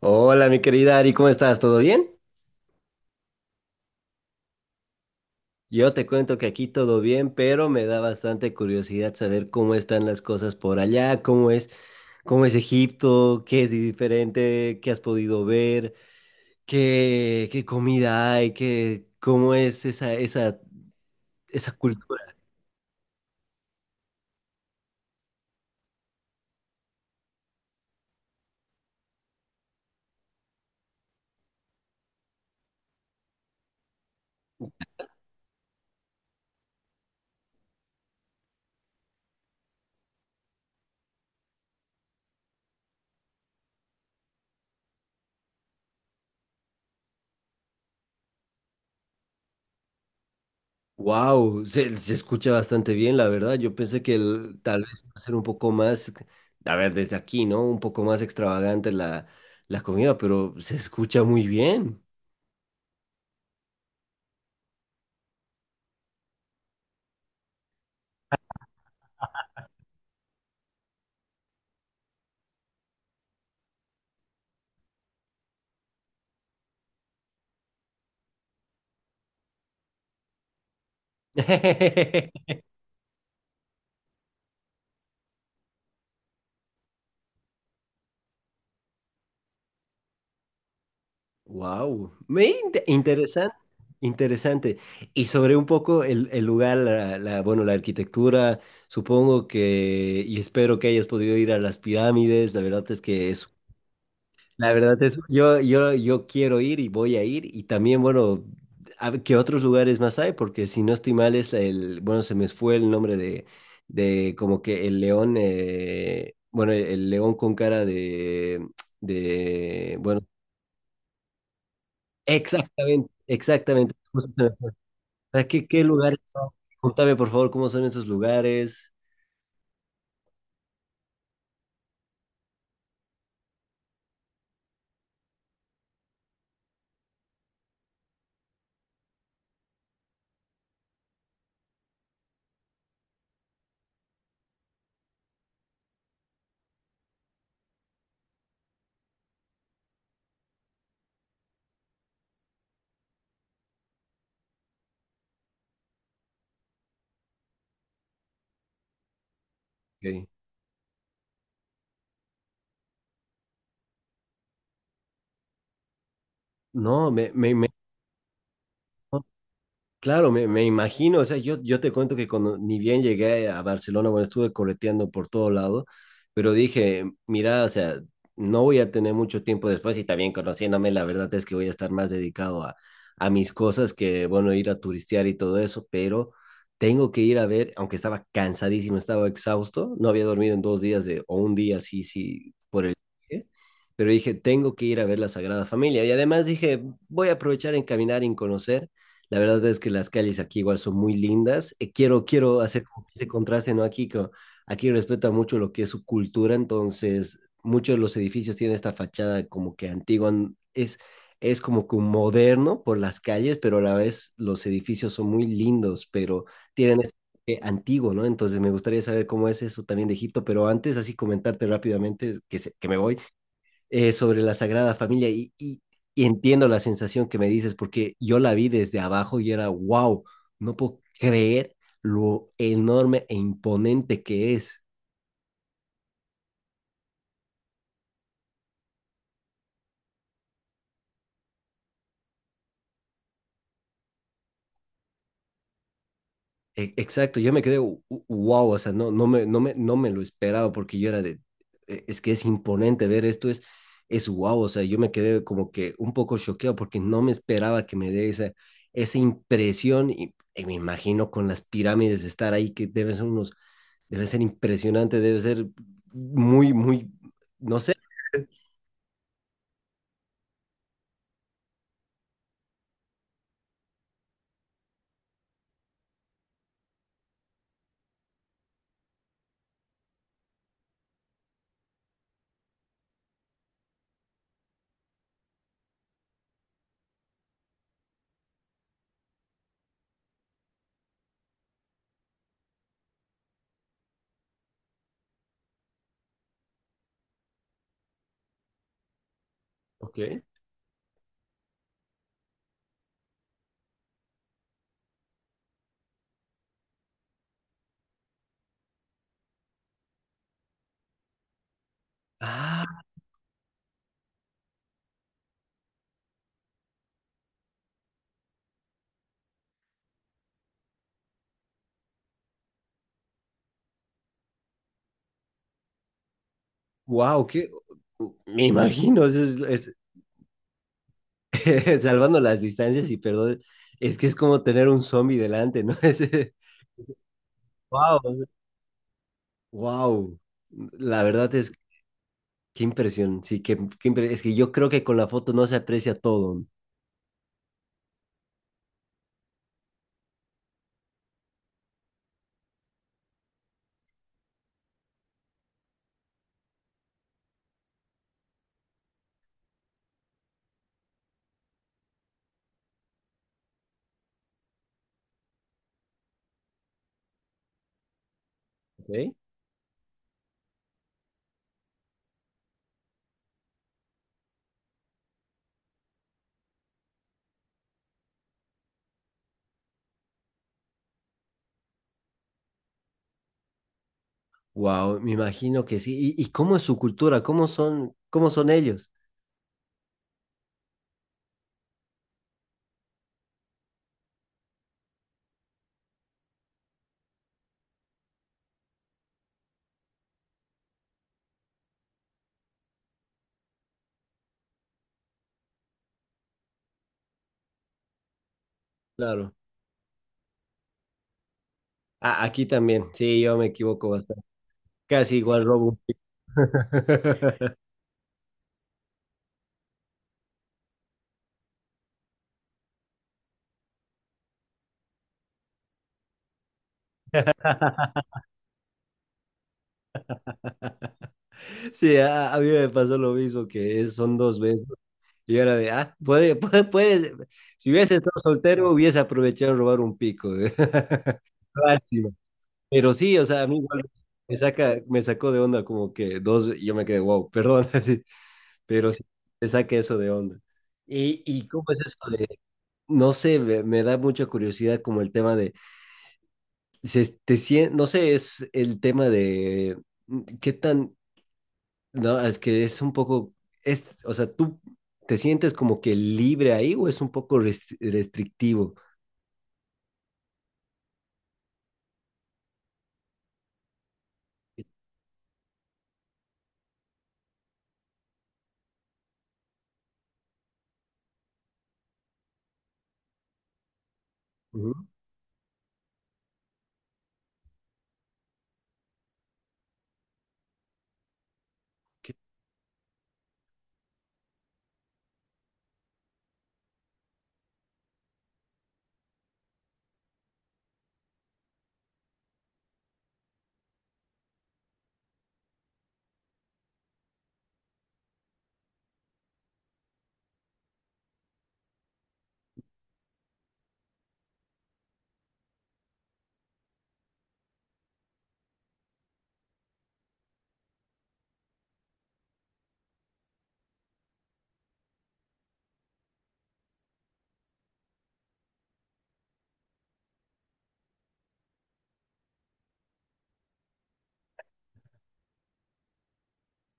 Hola, mi querida Ari, ¿cómo estás? ¿Todo bien? Yo te cuento que aquí todo bien, pero me da bastante curiosidad saber cómo están las cosas por allá, cómo es Egipto, qué es diferente, qué has podido ver, qué comida hay, qué, cómo es esa cultura. Wow, se escucha bastante bien, la verdad. Yo pensé que tal vez va a ser un poco más, a ver, desde aquí, ¿no? Un poco más extravagante la comida, pero se escucha muy bien. Wow, interesante, interesante. Y sobre un poco el lugar, bueno, la arquitectura, supongo que, y espero que hayas podido ir a las pirámides, la verdad es que es, la verdad es, yo quiero ir y voy a ir, y también, bueno, a ver qué otros lugares más hay, porque si no estoy mal es el, bueno, se me fue el nombre de como que el león, bueno, el león con cara de, bueno... Exactamente, exactamente. Justo se me fue. ¿Sabes? ¿ qué lugares son? Pregúntame, por favor, cómo son esos lugares. Ok. No, me- Claro, me imagino, o sea, yo te cuento que cuando ni bien llegué a Barcelona, bueno, estuve correteando por todo lado, pero dije, mira, o sea, no voy a tener mucho tiempo después y también conociéndome, la verdad es que voy a estar más dedicado a mis cosas que, bueno, ir a turistear y todo eso, pero tengo que ir a ver, aunque estaba cansadísimo, estaba exhausto, no había dormido en dos días de, o un día, sí, sí, por el viaje, pero dije, tengo que ir a ver la Sagrada Familia y además dije, voy a aprovechar en caminar y en conocer. La verdad es que las calles aquí igual son muy lindas. Quiero hacer como ese contraste, ¿no? Aquí, co- aquí respeta mucho lo que es su cultura, entonces muchos de los edificios tienen esta fachada como que antigua, n- es como que un moderno por las calles, pero a la vez los edificios son muy lindos, pero tienen ese toque antiguo, ¿no? Entonces me gustaría saber cómo es eso también de Egipto, pero antes así comentarte rápidamente, que, se- que me voy, sobre la Sagrada Familia y entiendo la sensación que me dices porque yo la vi desde abajo y era, wow, no puedo creer lo enorme e imponente que es. E- Exacto, yo me quedé wow, o sea, no, no me lo esperaba porque yo era de, "E- es que es imponente ver esto, es wow, o sea, yo me quedé como que un poco choqueado porque no me esperaba que me dé esa, esa impresión y me imagino con las pirámides estar ahí que deben ser unos... Debe ser impresionante, debe ser muy, muy, no sé. Ok. Ah, wow, qué, me imagino, es- salvando las distancias y perdón, es que es como tener un zombie delante, ¿no? Es, wow. Wow, la verdad es, qué impresión, sí, qué, qué impre- es que yo creo que con la foto no se aprecia todo. Ok. Wow, me imagino que sí. Y cómo es su cultura? Cómo son ellos? Claro. Ah, aquí también, sí, yo me equivoco bastante. Casi igual robo. Sí, a mí me pasó lo mismo, que es- son dos veces. Y ahora de, ah, puede, puede, puede. Si hubiese estado soltero, hubiese aprovechado de robar un pico. Lástima. Pero sí, o sea, a mí igual me sacó de onda como que dos, y yo me quedé, wow, perdón, así, pero sí, me saca eso de onda. Y cómo es eso de, no sé, me da mucha curiosidad como el tema de, se, te sien- no sé, es el tema de qué tan... No, es que es un poco, es, o sea, ¿tú te sientes como que libre ahí o es un poco rest- restrictivo? Ujú.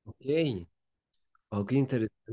Ok, ok, ok, interesante.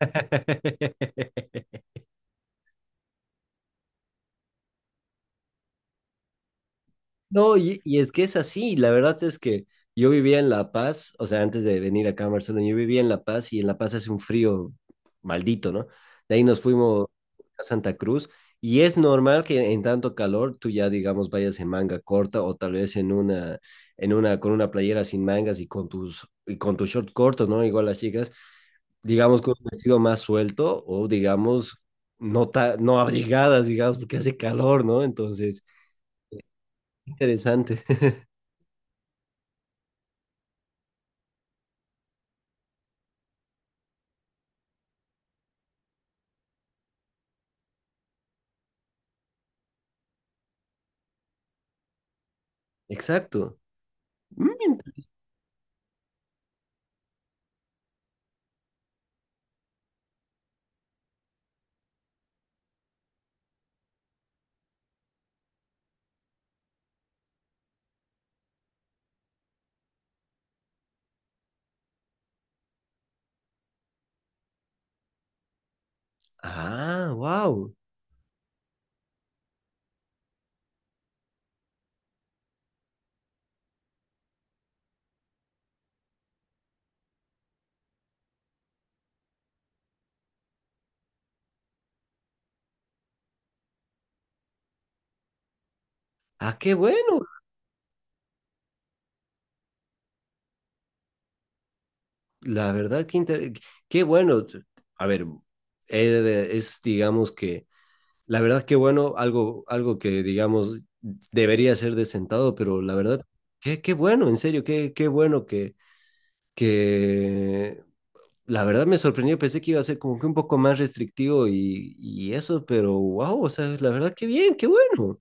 No, y es que es así, la verdad es que yo vivía en La Paz, o sea, antes de venir acá a Barcelona, yo vivía en La Paz y en La Paz hace un frío maldito, ¿no? De ahí nos fuimos a Santa Cruz y es normal que en tanto calor tú ya, digamos, vayas en manga corta o tal vez en una, con una playera sin mangas y con tus, y con tu short corto, ¿no? Igual las chicas, digamos, con un vestido más suelto o, digamos, no, ta- no abrigadas, digamos, porque hace calor, ¿no? Entonces, interesante. Exacto. Mm, ah, wow. Ah, qué bueno. La verdad, que inter- qué bueno. A ver, es, digamos que, la verdad, qué bueno, algo, algo que, digamos, debería ser de sentado, pero la verdad, qué, qué bueno, en serio, qué, qué bueno que, la verdad me sorprendió, pensé que iba a ser como que un poco más restrictivo y eso, pero wow, o sea, la verdad, qué bien, qué bueno.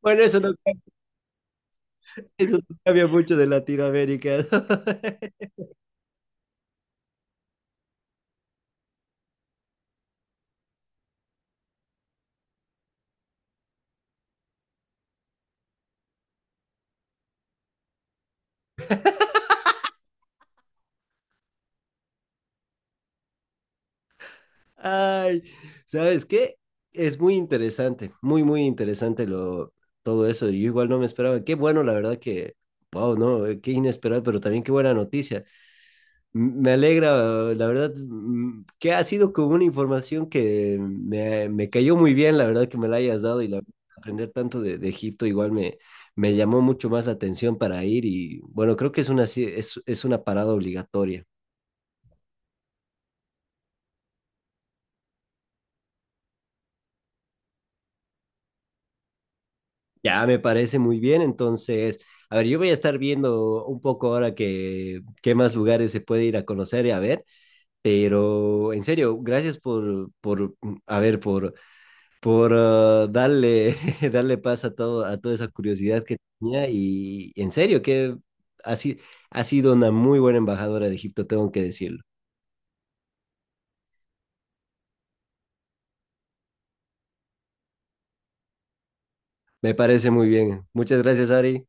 Bueno, eso no, eso no cambia mucho de Latinoamérica. Ay, ¿sabes qué? Es muy interesante, muy, muy interesante lo, todo eso. Yo igual no me esperaba. Qué bueno, la verdad que, wow, no, qué inesperado, pero también qué buena noticia. M- Me alegra, la verdad, que ha sido como una información que me cayó muy bien, la verdad que me la hayas dado y la, aprender tanto de Egipto igual me, me llamó mucho más la atención para ir y bueno, creo que es una, ci- es una parada obligatoria. Ya me parece muy bien, entonces, a ver, yo voy a estar viendo un poco ahora que qué más lugares se puede ir a conocer y a ver, pero en serio, gracias por, a ver, por ah, darle, darle paz a todo, a toda esa curiosidad que tenía y en serio que ha, si- ha sido una muy buena embajadora de Egipto, tengo que decirlo. Me parece muy bien. Muchas gracias, Ari.